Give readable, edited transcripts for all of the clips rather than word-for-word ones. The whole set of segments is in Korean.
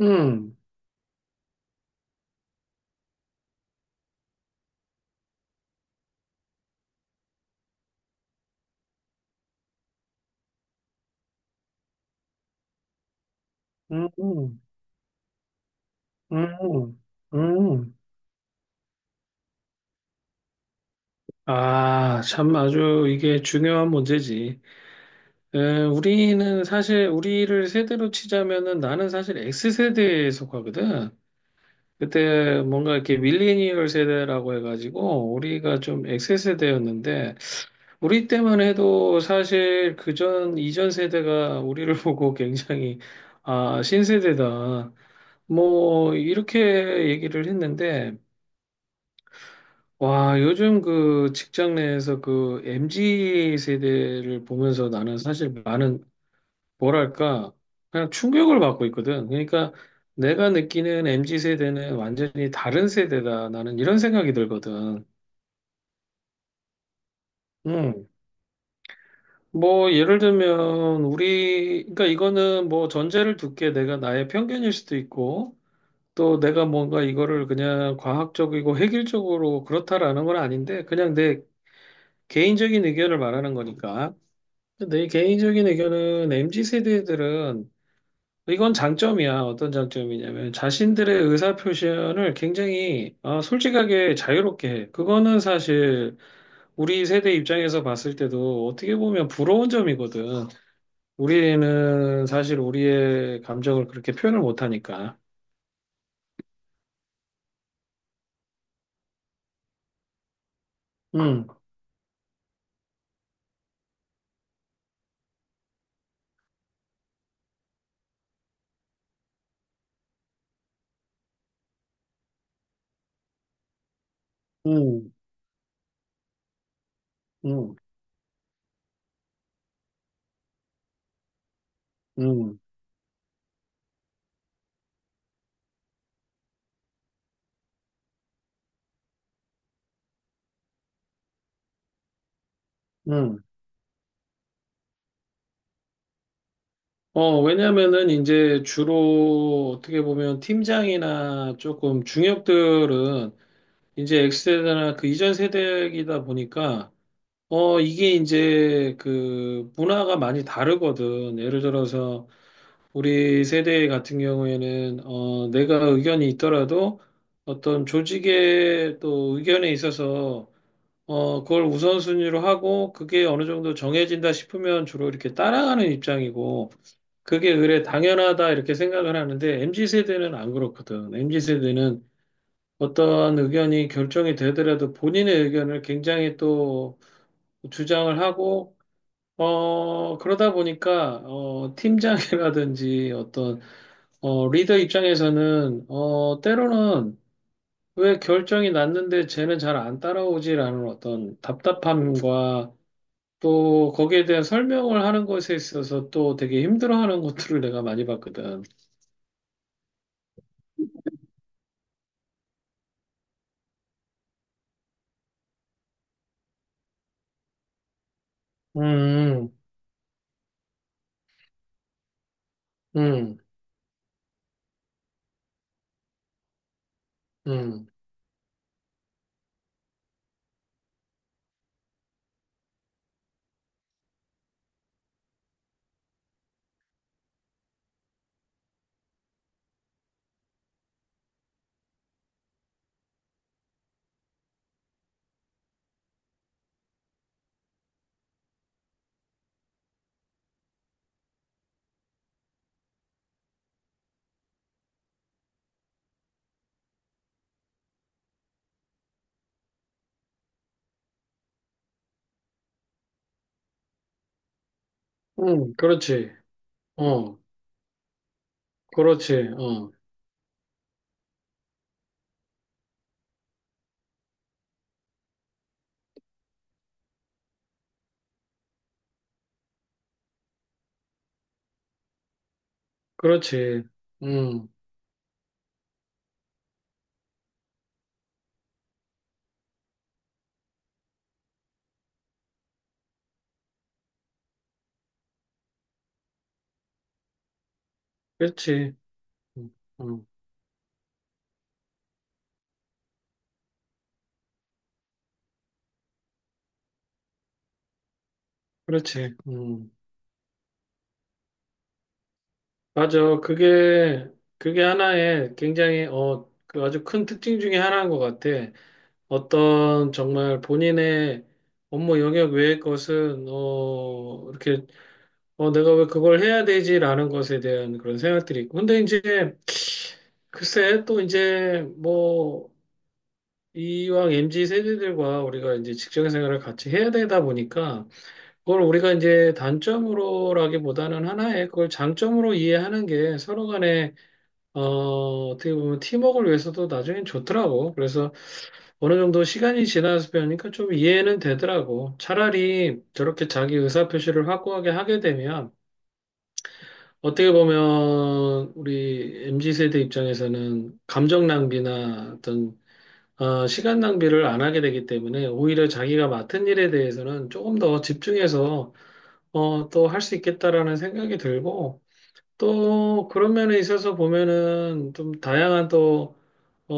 음, 음, 음, 음. 아, 참 아주 이게 중요한 문제지. 우리는 사실 우리를 세대로 치자면은 나는 사실 X세대에 속하거든. 그때 뭔가 이렇게 밀레니얼 세대라고 해가지고 우리가 좀 X세대였는데 우리 때만 해도 사실 그전 이전 세대가 우리를 보고 굉장히 아, 신세대다. 뭐 이렇게 얘기를 했는데 와, 요즘 그 직장 내에서 그 MZ 세대를 보면서 나는 사실 많은, 뭐랄까, 그냥 충격을 받고 있거든. 그러니까 내가 느끼는 MZ 세대는 완전히 다른 세대다. 나는 이런 생각이 들거든. 음. 뭐, 예를 들면, 우리, 그러니까 이거는 뭐 전제를 두게 내가 나의 편견일 수도 있고, 또 내가 뭔가 이거를 그냥 과학적이고 획일적으로 그렇다라는 건 아닌데, 그냥 내 개인적인 의견을 말하는 거니까. 내 개인적인 의견은 MZ 세대들은 이건 장점이야. 어떤 장점이냐면 자신들의 의사 표현을 굉장히 솔직하게 자유롭게 해. 그거는 사실 우리 세대 입장에서 봤을 때도 어떻게 보면 부러운 점이거든. 우리는 사실 우리의 감정을 그렇게 표현을 못하니까. 음, 음, 음, 음, 음. 왜냐면은 이제 주로 어떻게 보면 팀장이나 조금 중역들은 이제 X세대나 그 이전 세대이다 보니까, 이게 이제 그 문화가 많이 다르거든. 예를 들어서 우리 세대 같은 경우에는, 내가 의견이 있더라도 어떤 조직의 또 의견에 있어서, 그걸 우선순위로 하고 그게 어느 정도 정해진다 싶으면 주로 이렇게 따라가는 입장이고, 그게 그래 당연하다 이렇게 생각을 하는데, MZ 세대는 안 그렇거든. MZ 세대는 어떤 의견이 결정이 되더라도 본인의 의견을 굉장히 또 주장을 하고, 그러다 보니까, 팀장이라든지 어떤, 리더 입장에서는, 때로는 왜 결정이 났는데 쟤는 잘 안 따라오지라는 어떤 답답함과 또 거기에 대한 설명을 하는 것에 있어서 또 되게 힘들어하는 것들을 내가 많이 봤거든. 음, 음, 음, 그렇지. 어, 그렇지. 어. 그렇지. 음, 그렇지. 음, 음, 그렇지. 맞아. 그게 하나의 굉장히, 그 아주 큰 특징 중에 하나인 것 같아. 어떤 정말 본인의 업무 영역 외의 것은, 이렇게, 내가 왜 그걸 해야 되지라는 것에 대한 그런 생각들이 있고. 근데 이제, 글쎄, 또 이제, 뭐, 이왕 MZ 세대들과 우리가 이제 직장 생활을 같이 해야 되다 보니까, 그걸 우리가 이제 단점으로라기보다는 하나의 그걸 장점으로 이해하는 게 서로 간에 어떻게 보면 팀워크를 위해서도 나중엔 좋더라고. 그래서 어느 정도 시간이 지나서 배우니까 좀 이해는 되더라고. 차라리 저렇게 자기 의사표시를 확고하게 하게 되면 어떻게 보면 우리 MZ 세대 입장에서는 감정 낭비나 어떤 시간 낭비를 안 하게 되기 때문에 오히려 자기가 맡은 일에 대해서는 조금 더 집중해서 또 할 수 있겠다라는 생각이 들고, 또 그런 면에 있어서 보면은 좀 다양한 또, 어,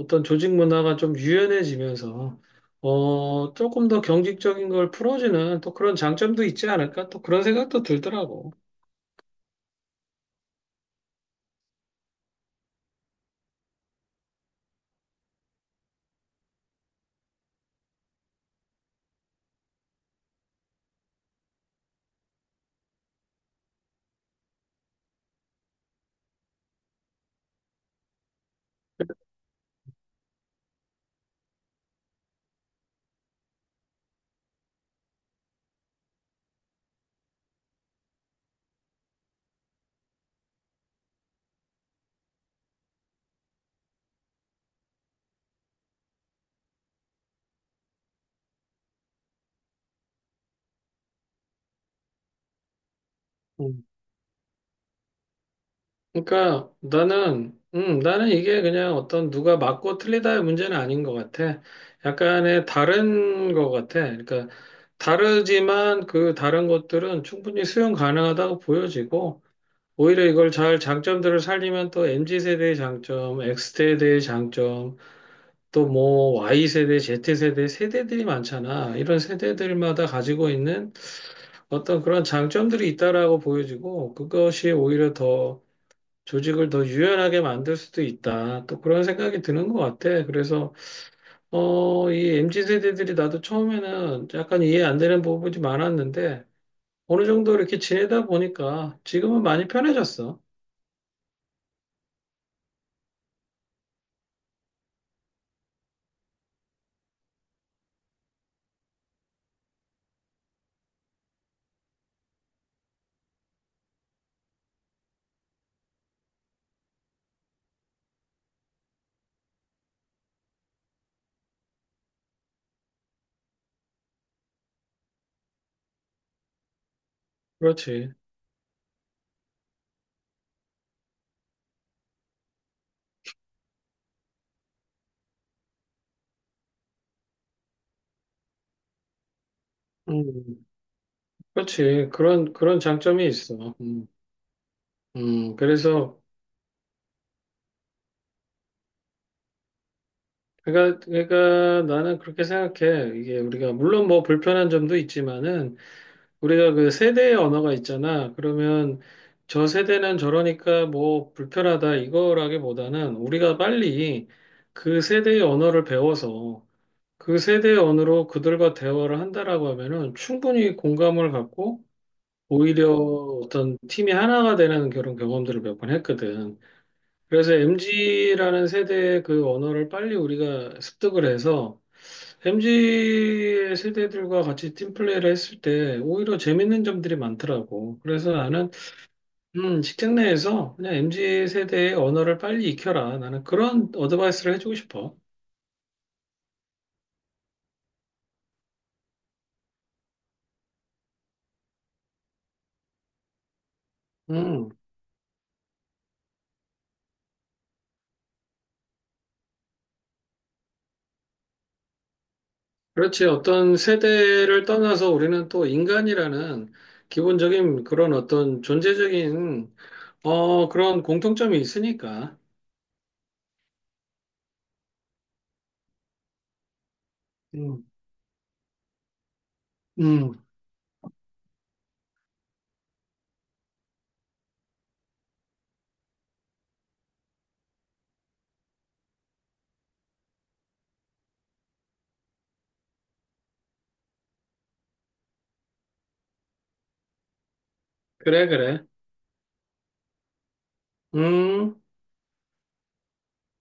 어떤 조직 문화가 좀 유연해지면서, 조금 더 경직적인 걸 풀어주는 또 그런 장점도 있지 않을까? 또 그런 생각도 들더라고. 음. 그러니까 나는 이게 그냥 어떤 누가 맞고 틀리다의 문제는 아닌 것 같아. 약간의 다른 것 같아. 그러니까 다르지만 그 다른 것들은 충분히 수용 가능하다고 보여지고 오히려 이걸 잘 장점들을 살리면 또 MZ 세대의 장점, X 세대의 장점, 또 뭐 Y 세대, Z 세대 세대들이 많잖아. 이런 세대들마다 가지고 있는 어떤 그런 장점들이 있다라고 보여지고 그것이 오히려 더 조직을 더 유연하게 만들 수도 있다. 또 그런 생각이 드는 것 같아. 그래서, 이 MZ 세대들이 나도 처음에는 약간 이해 안 되는 부분이 많았는데, 어느 정도 이렇게 지내다 보니까 지금은 많이 편해졌어. 그렇지. 음, 그렇지. 그런 장점이 있어. 그래서, 그러니까 나는 그렇게 생각해. 이게 우리가, 물론 뭐 불편한 점도 있지만은, 우리가 그 세대의 언어가 있잖아. 그러면 저 세대는 저러니까 뭐 불편하다 이거라기보다는 우리가 빨리 그 세대의 언어를 배워서 그 세대의 언어로 그들과 대화를 한다라고 하면은 충분히 공감을 갖고 오히려 어떤 팀이 하나가 되는 그런 경험들을 몇 번 했거든. 그래서 MG라는 세대의 그 언어를 빨리 우리가 습득을 해서 MZ 세대들과 같이 팀플레이를 했을 때 오히려 재밌는 점들이 많더라고. 그래서 나는 직장 내에서 그냥 MZ 세대의 언어를 빨리 익혀라. 나는 그런 어드바이스를 해주고 싶어. 음, 그렇지. 어떤 세대를 떠나서 우리는 또 인간이라는 기본적인 그런 어떤 존재적인 그런 공통점이 있으니까. 음, 음, 그래, 그래. 음.